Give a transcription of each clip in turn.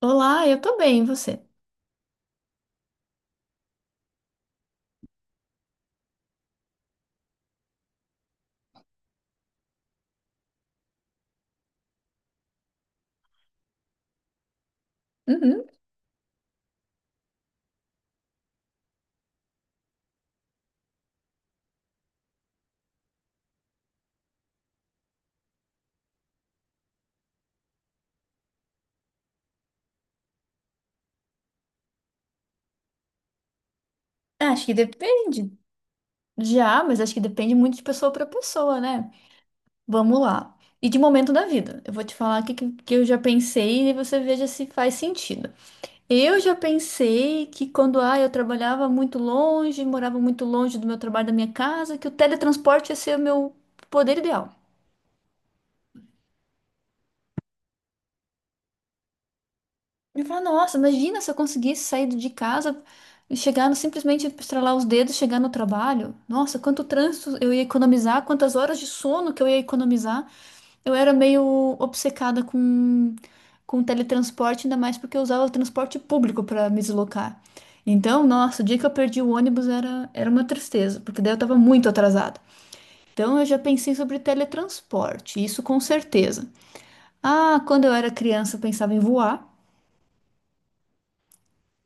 Olá, eu tô bem, e você? Uhum. Acho que depende. Já, mas acho que depende muito de pessoa pra pessoa, né? Vamos lá. E de momento da vida. Eu vou te falar que eu já pensei e você veja se faz sentido. Eu já pensei que quando eu trabalhava muito longe, morava muito longe do meu trabalho, da minha casa, que o teletransporte ia ser o meu poder ideal. Eu falo, nossa, imagina se eu conseguisse sair de casa e chegar no, simplesmente estralar os dedos, chegar no trabalho. Nossa, quanto trânsito eu ia economizar, quantas horas de sono que eu ia economizar. Eu era meio obcecada com teletransporte, ainda mais porque eu usava o transporte público para me deslocar. Então, nossa, o dia que eu perdi o ônibus era uma tristeza, porque daí eu estava muito atrasada. Então, eu já pensei sobre teletransporte, isso com certeza. Ah, quando eu era criança, eu pensava em voar.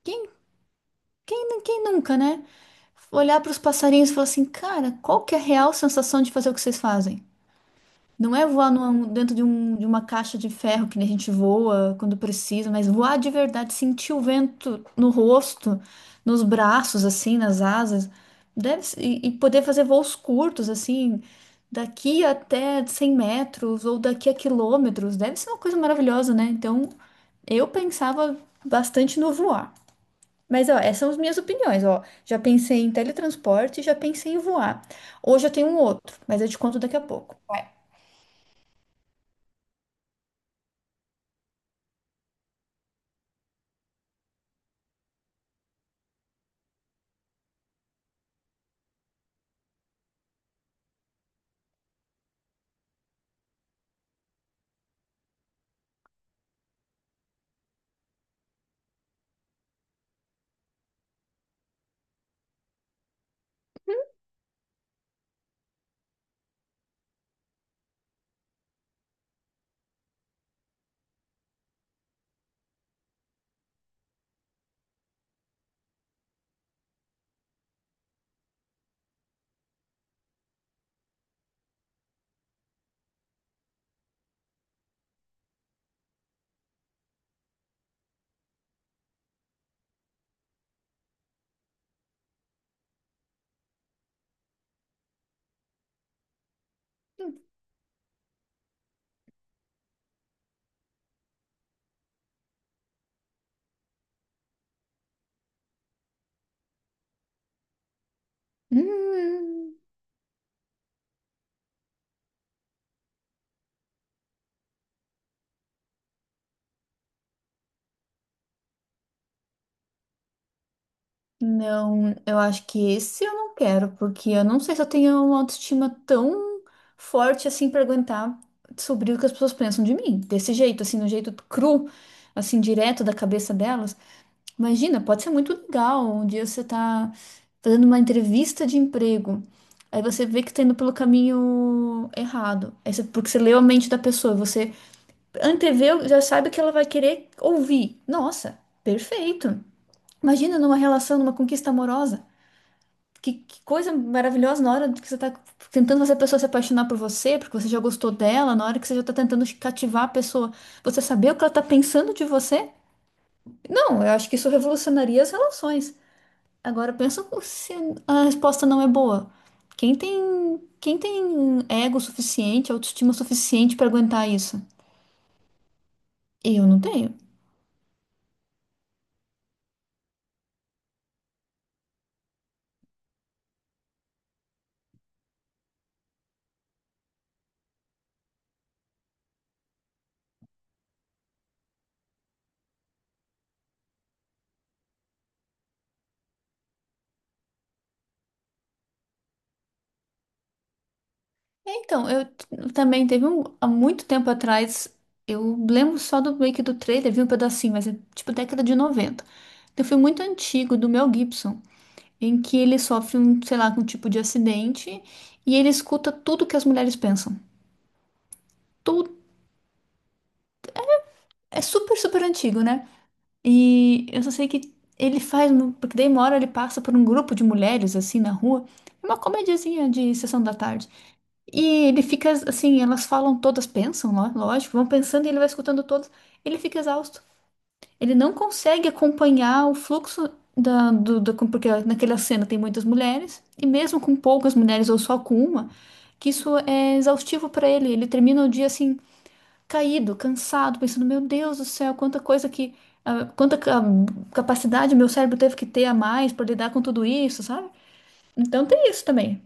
Quem, quem nunca, né? Olhar para os passarinhos e falar assim, cara, qual que é a real sensação de fazer o que vocês fazem? Não é voar dentro de uma caixa de ferro que nem a gente voa quando precisa, mas voar de verdade, sentir o vento no rosto, nos braços, assim, nas asas, e poder fazer voos curtos, assim, daqui até 100 metros ou daqui a quilômetros, deve ser uma coisa maravilhosa, né? Então, eu pensava bastante no voar. Mas, ó, essas são as minhas opiniões, ó. Já pensei em teletransporte, já pensei em voar. Hoje eu tenho um outro, mas eu te conto daqui a pouco. Vai. Hum, não, eu acho que esse eu não quero, porque eu não sei se eu tenho uma autoestima tão forte assim pra aguentar sobre o que as pessoas pensam de mim. Desse jeito, assim, no jeito cru, assim, direto da cabeça delas. Imagina, pode ser muito legal. Um dia você tá fazendo uma entrevista de emprego. Aí você vê que tá indo pelo caminho errado. Aí você- porque você leu a mente da pessoa, você anteveu, já sabe que ela vai querer ouvir. Nossa, perfeito. Imagina numa relação, numa conquista amorosa. Que coisa maravilhosa na hora que você tá tentando fazer a pessoa se apaixonar por você, porque você já gostou dela, na hora que você já tá tentando cativar a pessoa, você saber o que ela tá pensando de você? Não, eu acho que isso revolucionaria as relações. Agora pensa se a resposta não é boa. Quem tem, quem tem ego suficiente, autoestima suficiente para aguentar isso? Eu não tenho. É, então, também teve um, há muito tempo atrás, eu lembro só do meio que do trailer, vi um pedacinho, mas é tipo década de noventa. Tem um filme muito antigo do Mel Gibson, em que ele sofre um, sei lá, um tipo de acidente e ele escuta tudo que as mulheres pensam. Tudo. É super, super antigo, né? E eu só sei que ele faz, porque daí uma hora ele passa por um grupo de mulheres assim na rua, é uma comediazinha de sessão da tarde. E ele fica assim, elas falam todas, pensam, lógico, vão pensando e ele vai escutando todas. Ele fica exausto. Ele não consegue acompanhar o fluxo porque naquela cena tem muitas mulheres, e mesmo com poucas mulheres ou só com uma, que isso é exaustivo para ele. Ele termina o dia assim caído, cansado, pensando, meu Deus do céu, quanta coisa que, ah, quanta ca- capacidade meu cérebro teve que ter a mais para lidar com tudo isso, sabe? Então tem isso também.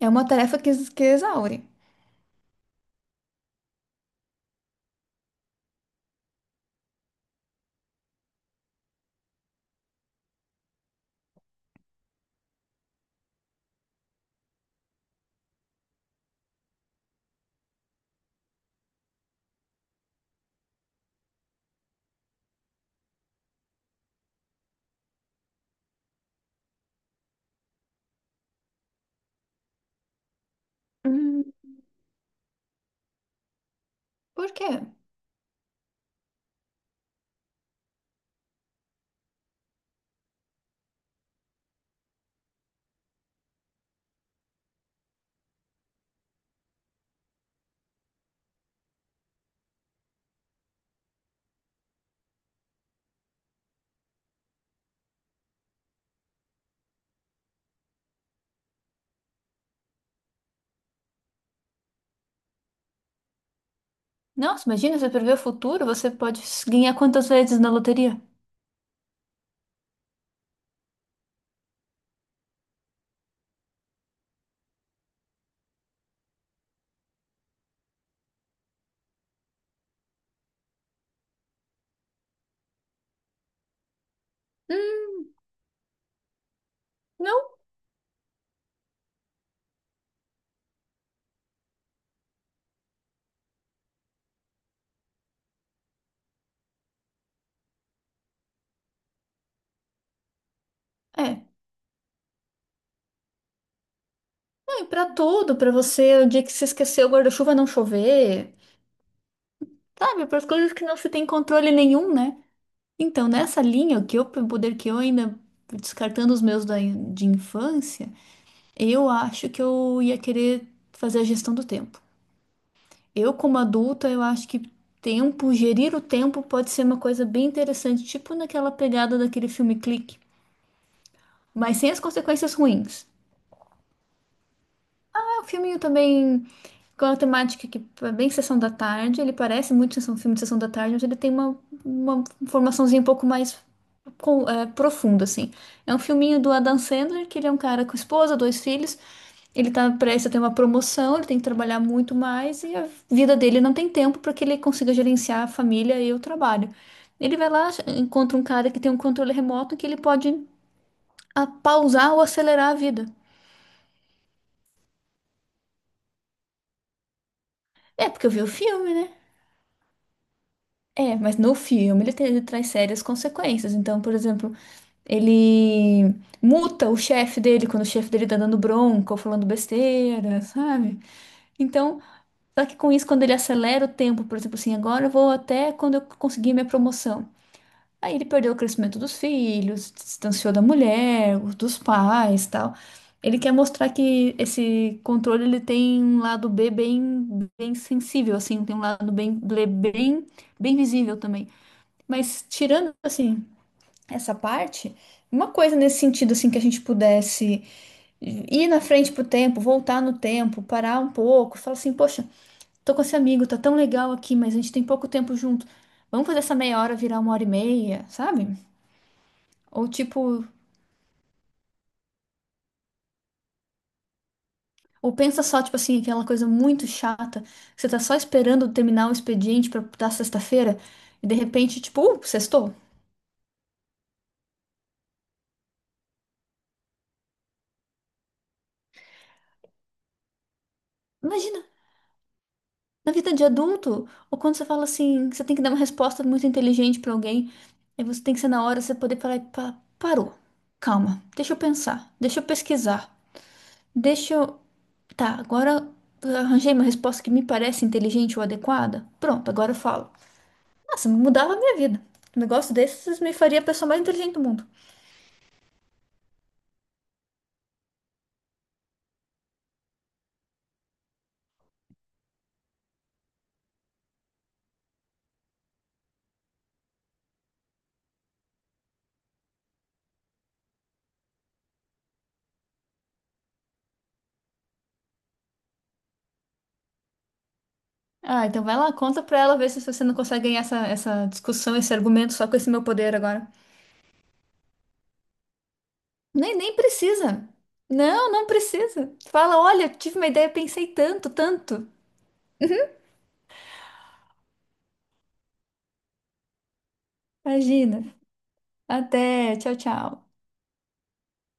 É uma tarefa que exaure. Hum, por quê? Nossa, imagina, você prever o futuro, você pode ganhar quantas vezes na loteria? Hum, não, é. Não, e pra tudo, pra você, o dia que você esqueceu o guarda-chuva não chover, sabe? Para as coisas que não se tem controle nenhum, né? Então, nessa linha, o poder que eu ainda, descartando os meus de infância, eu acho que eu ia querer fazer a gestão do tempo. Eu, como adulta, eu acho que tempo, gerir o tempo pode ser uma coisa bem interessante, tipo naquela pegada daquele filme Clique, mas sem as consequências ruins. É um filminho também com uma temática que é bem sessão da tarde, ele parece muito sessão, filme de sessão da tarde, mas ele tem uma formaçãozinha um pouco mais profundo, assim. É um filminho do Adam Sandler, que ele é um cara com esposa, dois filhos, ele tá prestes a ter uma promoção, ele tem que trabalhar muito mais e a vida dele não tem tempo para que ele consiga gerenciar a família e o trabalho. Ele vai lá, encontra um cara que tem um controle remoto que ele pode pausar ou acelerar a vida. É, porque eu vi o filme, né? É, mas no filme ele traz sérias consequências. Então, por exemplo, ele multa o chefe dele quando o chefe dele tá dando bronca ou falando besteira, sabe? Então, só que com isso, quando ele acelera o tempo, por exemplo, assim, agora eu vou até quando eu conseguir minha promoção. Aí ele perdeu o crescimento dos filhos, se distanciou da mulher, dos pais, tal. Ele quer mostrar que esse controle ele tem um lado B bem, bem sensível, assim, tem um lado bem, bem, bem bem visível também. Mas tirando assim essa parte, uma coisa nesse sentido assim que a gente pudesse ir na frente pro tempo, voltar no tempo, parar um pouco, falar assim, poxa, tô com esse amigo, tá tão legal aqui, mas a gente tem pouco tempo junto. Vamos fazer essa meia hora virar uma hora e meia, sabe? Ou tipo, ou pensa só, tipo assim, aquela coisa muito chata. Que você tá só esperando terminar o expediente pra dar sexta-feira e de repente, tipo, sextou. Imagina, na vida de adulto, ou quando você fala assim, que você tem que dar uma resposta muito inteligente pra alguém, aí você tem que ser na hora, você poder parar e falar, parou. Calma, deixa eu pensar, deixa eu pesquisar. Deixa eu. Tá, agora eu arranjei uma resposta que me parece inteligente ou adequada. Pronto, agora eu falo. Nossa, mudava a minha vida. Um negócio desses me faria a pessoa mais inteligente do mundo. Ah, então vai lá, conta pra ela, ver se você não consegue ganhar essa, essa discussão, esse argumento só com esse meu poder agora. Nem precisa. Não, não precisa. Fala, olha, tive uma ideia, pensei tanto, tanto. Imagina. Até, tchau, tchau.